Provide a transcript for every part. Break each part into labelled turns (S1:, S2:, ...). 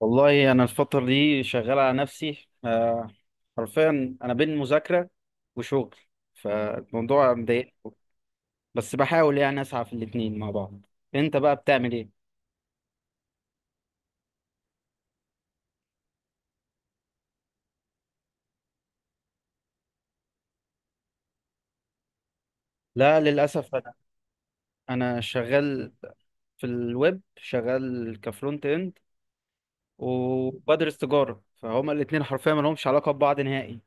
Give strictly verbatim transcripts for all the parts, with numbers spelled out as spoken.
S1: والله انا الفتره دي شغال على نفسي آه، حرفيا انا بين مذاكره وشغل، فالموضوع مضايق. بس بحاول يعني اسعى في الاتنين مع بعض. انت بقى بتعمل ايه؟ لا للاسف، انا انا شغال في الويب، شغال كفرونت اند، وبدرس تجاره، فهما الاتنين حرفيا ما لهمش علاقه ببعض نهائي.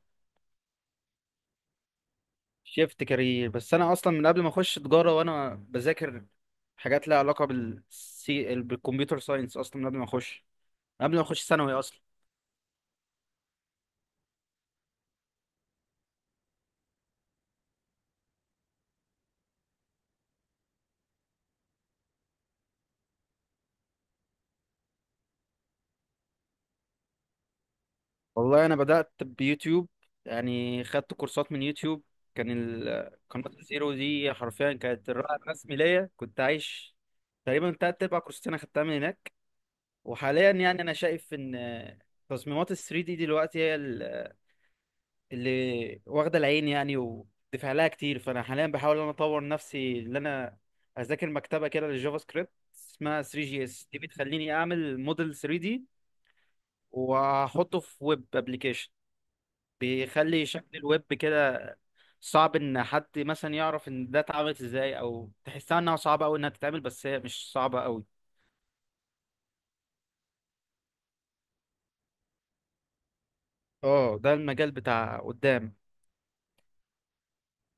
S1: شيفت كارير، بس انا اصلا من قبل ما اخش تجاره وانا بذاكر حاجات لها علاقه بالسي بالكمبيوتر ساينس، اصلا من قبل ما اخش قبل ما اخش ثانوي اصلا. والله انا بدات بيوتيوب، يعني خدت كورسات من يوتيوب. كان ال- قناه الزيرو دي حرفيا كانت الرائد الرسمي ليا، كنت عايش. تقريبا تلات ارباع كورسات انا خدتها من هناك. وحاليا يعني انا شايف ان تصميمات ال ثري دي دلوقتي هي ال- اللي واخده العين يعني، ودفع لها كتير، فانا حاليا بحاول ان انا اطور نفسي، ان انا اذاكر مكتبه كده للجافا سكريبت اسمها ثري جي اس دي، بتخليني اعمل موديل ثري دي واحطه في ويب ابلكيشن، بيخلي شكل الويب كده صعب ان حد مثلا يعرف ان ده اتعملت ازاي، او تحسها انها صعبه قوي انها تتعمل، بس هي مش صعبه قوي. اه، ده المجال بتاع قدام.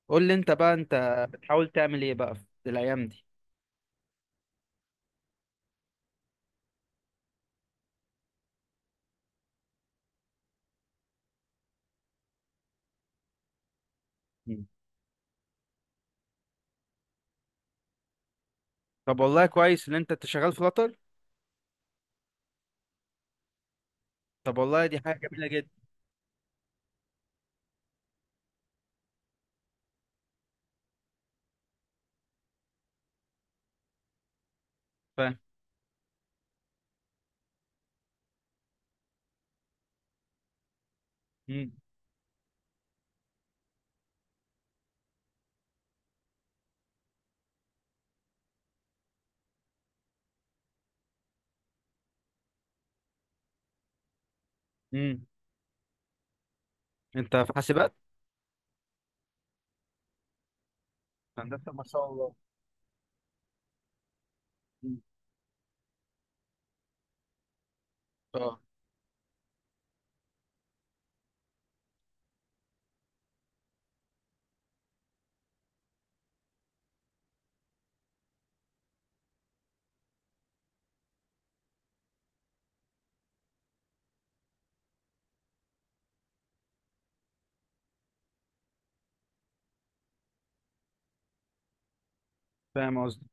S1: قول لي انت بقى انت بتحاول تعمل ايه بقى في الايام دي؟ مم. طب والله كويس ان انت إنت شغال فلاتر. طب والله دي حاجه جميله جدا. فاهم. مم. مم. انت في حاسبات؟ هندسه، ما شاء الله. مم. اه، فاهم قصدي.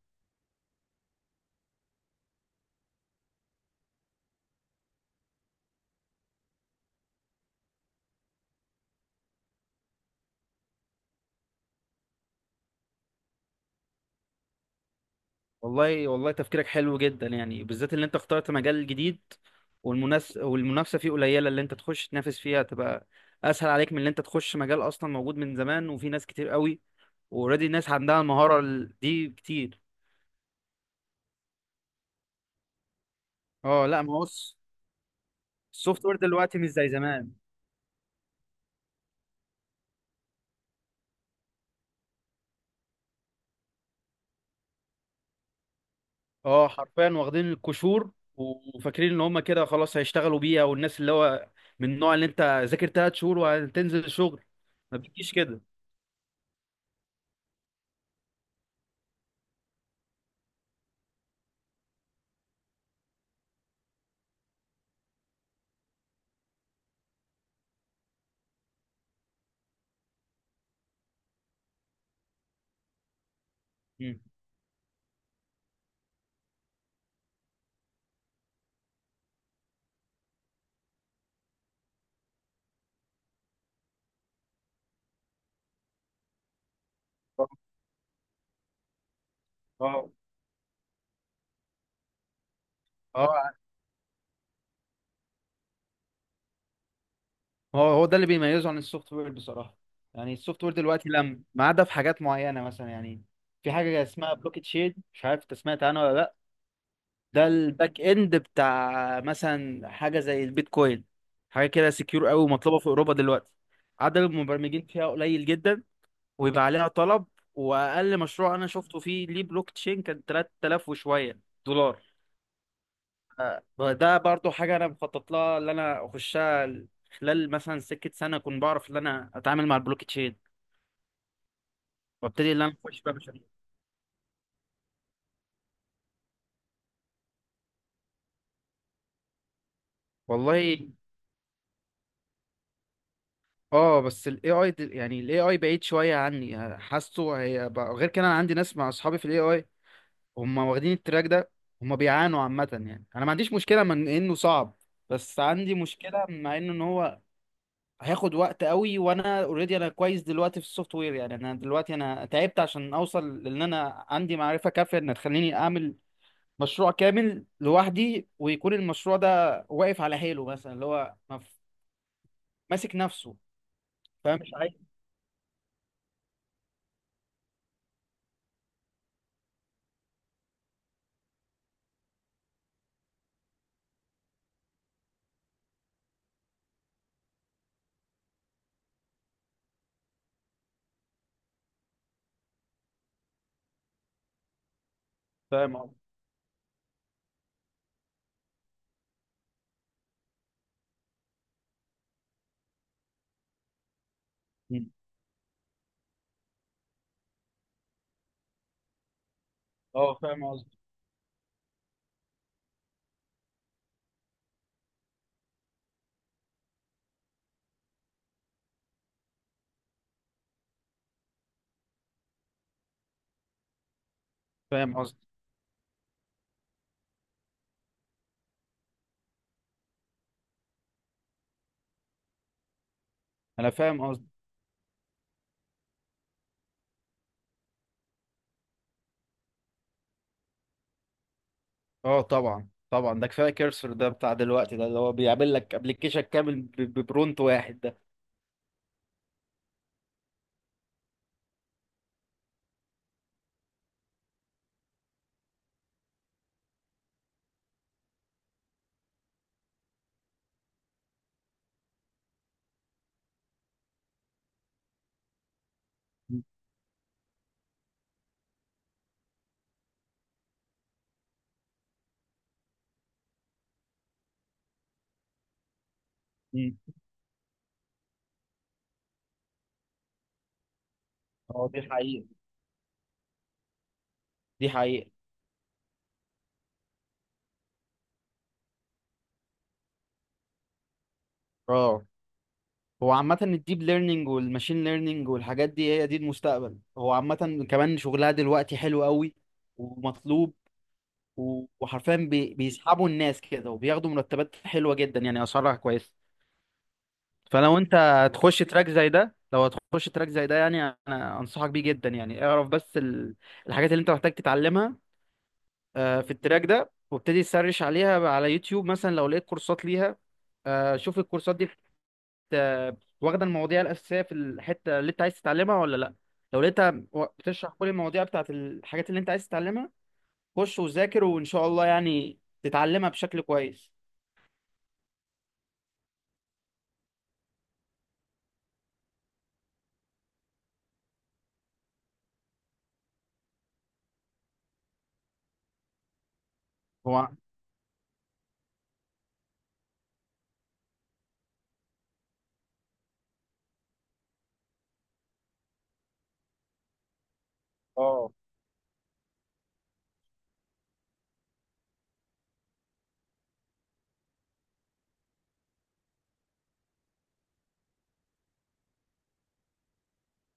S1: والله والله تفكيرك حلو جدا، يعني بالذات اللي انت اخترت مجال جديد والمنافس والمنافسه فيه قليله، اللي انت تخش تنافس فيها تبقى اسهل عليك من اللي انت تخش مجال اصلا موجود من زمان وفي ناس كتير قوي اوريدي ناس عندها المهاره ال- دي كتير. اه لا، ما هو الس- السوفت وير دلوقتي مش زي زمان. اه حرفيا واخدين القشور، وفاكرين ان هم كده خلاص هيشتغلوا بيها، والناس اللي هو من النوع اللي انت ذاكر ثلاث شهور وهتنزل الشغل، ما بتجيش كده. مم. اه اه. هو هو ده اللي بيميزه عن السوفت وير بصراحة، يعني السوفت وير دلوقتي لم ما عدا في حاجات معينة مثلا يعني. في حاجة اسمها بلوكت شيد، مش عارف انت سمعت عنها ولا لا؟ ده الباك اند بتاع مثلا حاجة زي البيتكوين، حاجة كده سكيور قوي ومطلوبة في أوروبا دلوقتي، عدد المبرمجين فيها قليل جدا، ويبقى عليها طلب. وأقل مشروع أنا شفته فيه ليه بلوك تشين كان تلات آلاف وشوية دولار. ده برضو حاجة أنا مخطط لها، اللي أنا أخشها خلال مثلا سكة سنة أكون بعرف إن أنا أتعامل مع البلوك تشين، وأبتدي إن أنا أخش بقى مشاريع. والله اه، بس الاي اي، يعني الاي اي بعيد شويه عني، حاسه هي بقى غير كده. انا عندي ناس مع اصحابي في الاي اي، هم واخدين التراك ده، هم بيعانوا عامه، يعني انا ما عنديش مشكله من انه صعب، بس عندي مشكله مع انه ان هو هياخد وقت قوي. وانا اوريدي انا كويس دلوقتي في السوفت وير، يعني انا دلوقتي انا تعبت عشان اوصل، لان انا عندي معرفة كافية ان تخليني اعمل مشروع كامل لوحدي، ويكون المشروع ده واقف على حيله، مثلا اللي هو مف- ماسك نفسه. فاهم، مش عايز. فاهم قصدي. مم. اه. فاهم قصدي. فاهم قصدي. انا فاهم قصدي. اه طبعا طبعا، ده كفايه كيرسر ده بتاع دلوقتي، ده اللي هو بيعمل لك ابلكيشن كامل ب- ببرونت واحد ده. مم. مم. اه، دي حقيقة. دي حقيقة. اه، هو عامة الديب ليرنينج والماشين ليرنينج والحاجات دي هي دي المستقبل، هو عامة كمان شغلها دلوقتي حلو قوي ومطلوب، و- وحرفيا بي- بيسحبوا الناس كده وبياخدوا مرتبات حلوة جدا، يعني أسعارها كويسة. فلو أنت هتخش تراك زي ده، لو هتخش تراك زي ده يعني، أنا أنصحك بيه جدا. يعني اعرف بس ال- الحاجات اللي أنت محتاج تتعلمها آه، في التراك ده، وابتدي تسرش عليها على يوتيوب مثلا، لو لقيت كورسات ليها آه، شوف الكورسات دي آه، واخده المواضيع الاساسيه في الحته اللي انت عايز تتعلمها ولا لا. لو لقيتها و- بتشرح كل المواضيع بتاعت الحاجات اللي انت عايز تتعلمها، خش وذاكر وان شاء الله يعني تتعلمها بشكل كويس. هو اه.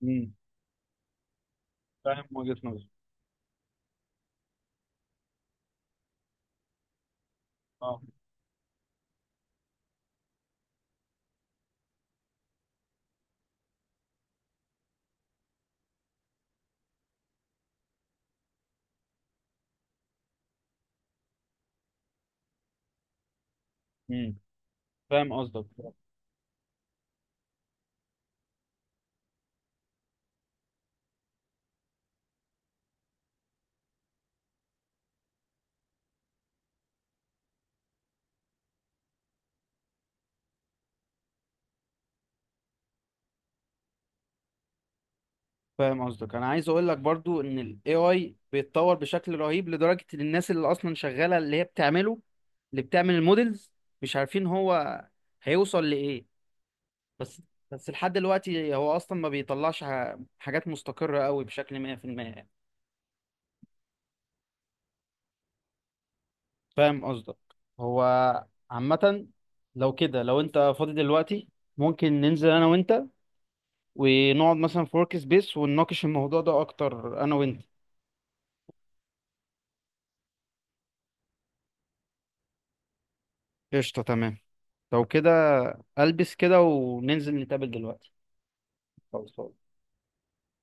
S1: امم فاهم وجهة نظري. اه. امم فاهم قصدك. فاهم قصدك. انا عايز اقول لك برضو ان الاي اي بيتطور بشكل رهيب، لدرجه ان الناس اللي اصلا شغاله اللي هي بتعمله، اللي بتعمل المودلز، مش عارفين هو هيوصل لايه. بس بس لحد دلوقتي هو اصلا ما بيطلعش ح- حاجات مستقرة قوي بشكل ميه في الميه يعني. فاهم قصدك. هو عامة، لو كده، لو انت فاضي دلوقتي، ممكن ننزل انا وانت، ونقعد مثلا في ورك سبيس، ونناقش الموضوع ده اكتر انا وانت. قشطة تمام. لو كده البس كده وننزل نتقابل دلوقتي. خلاص.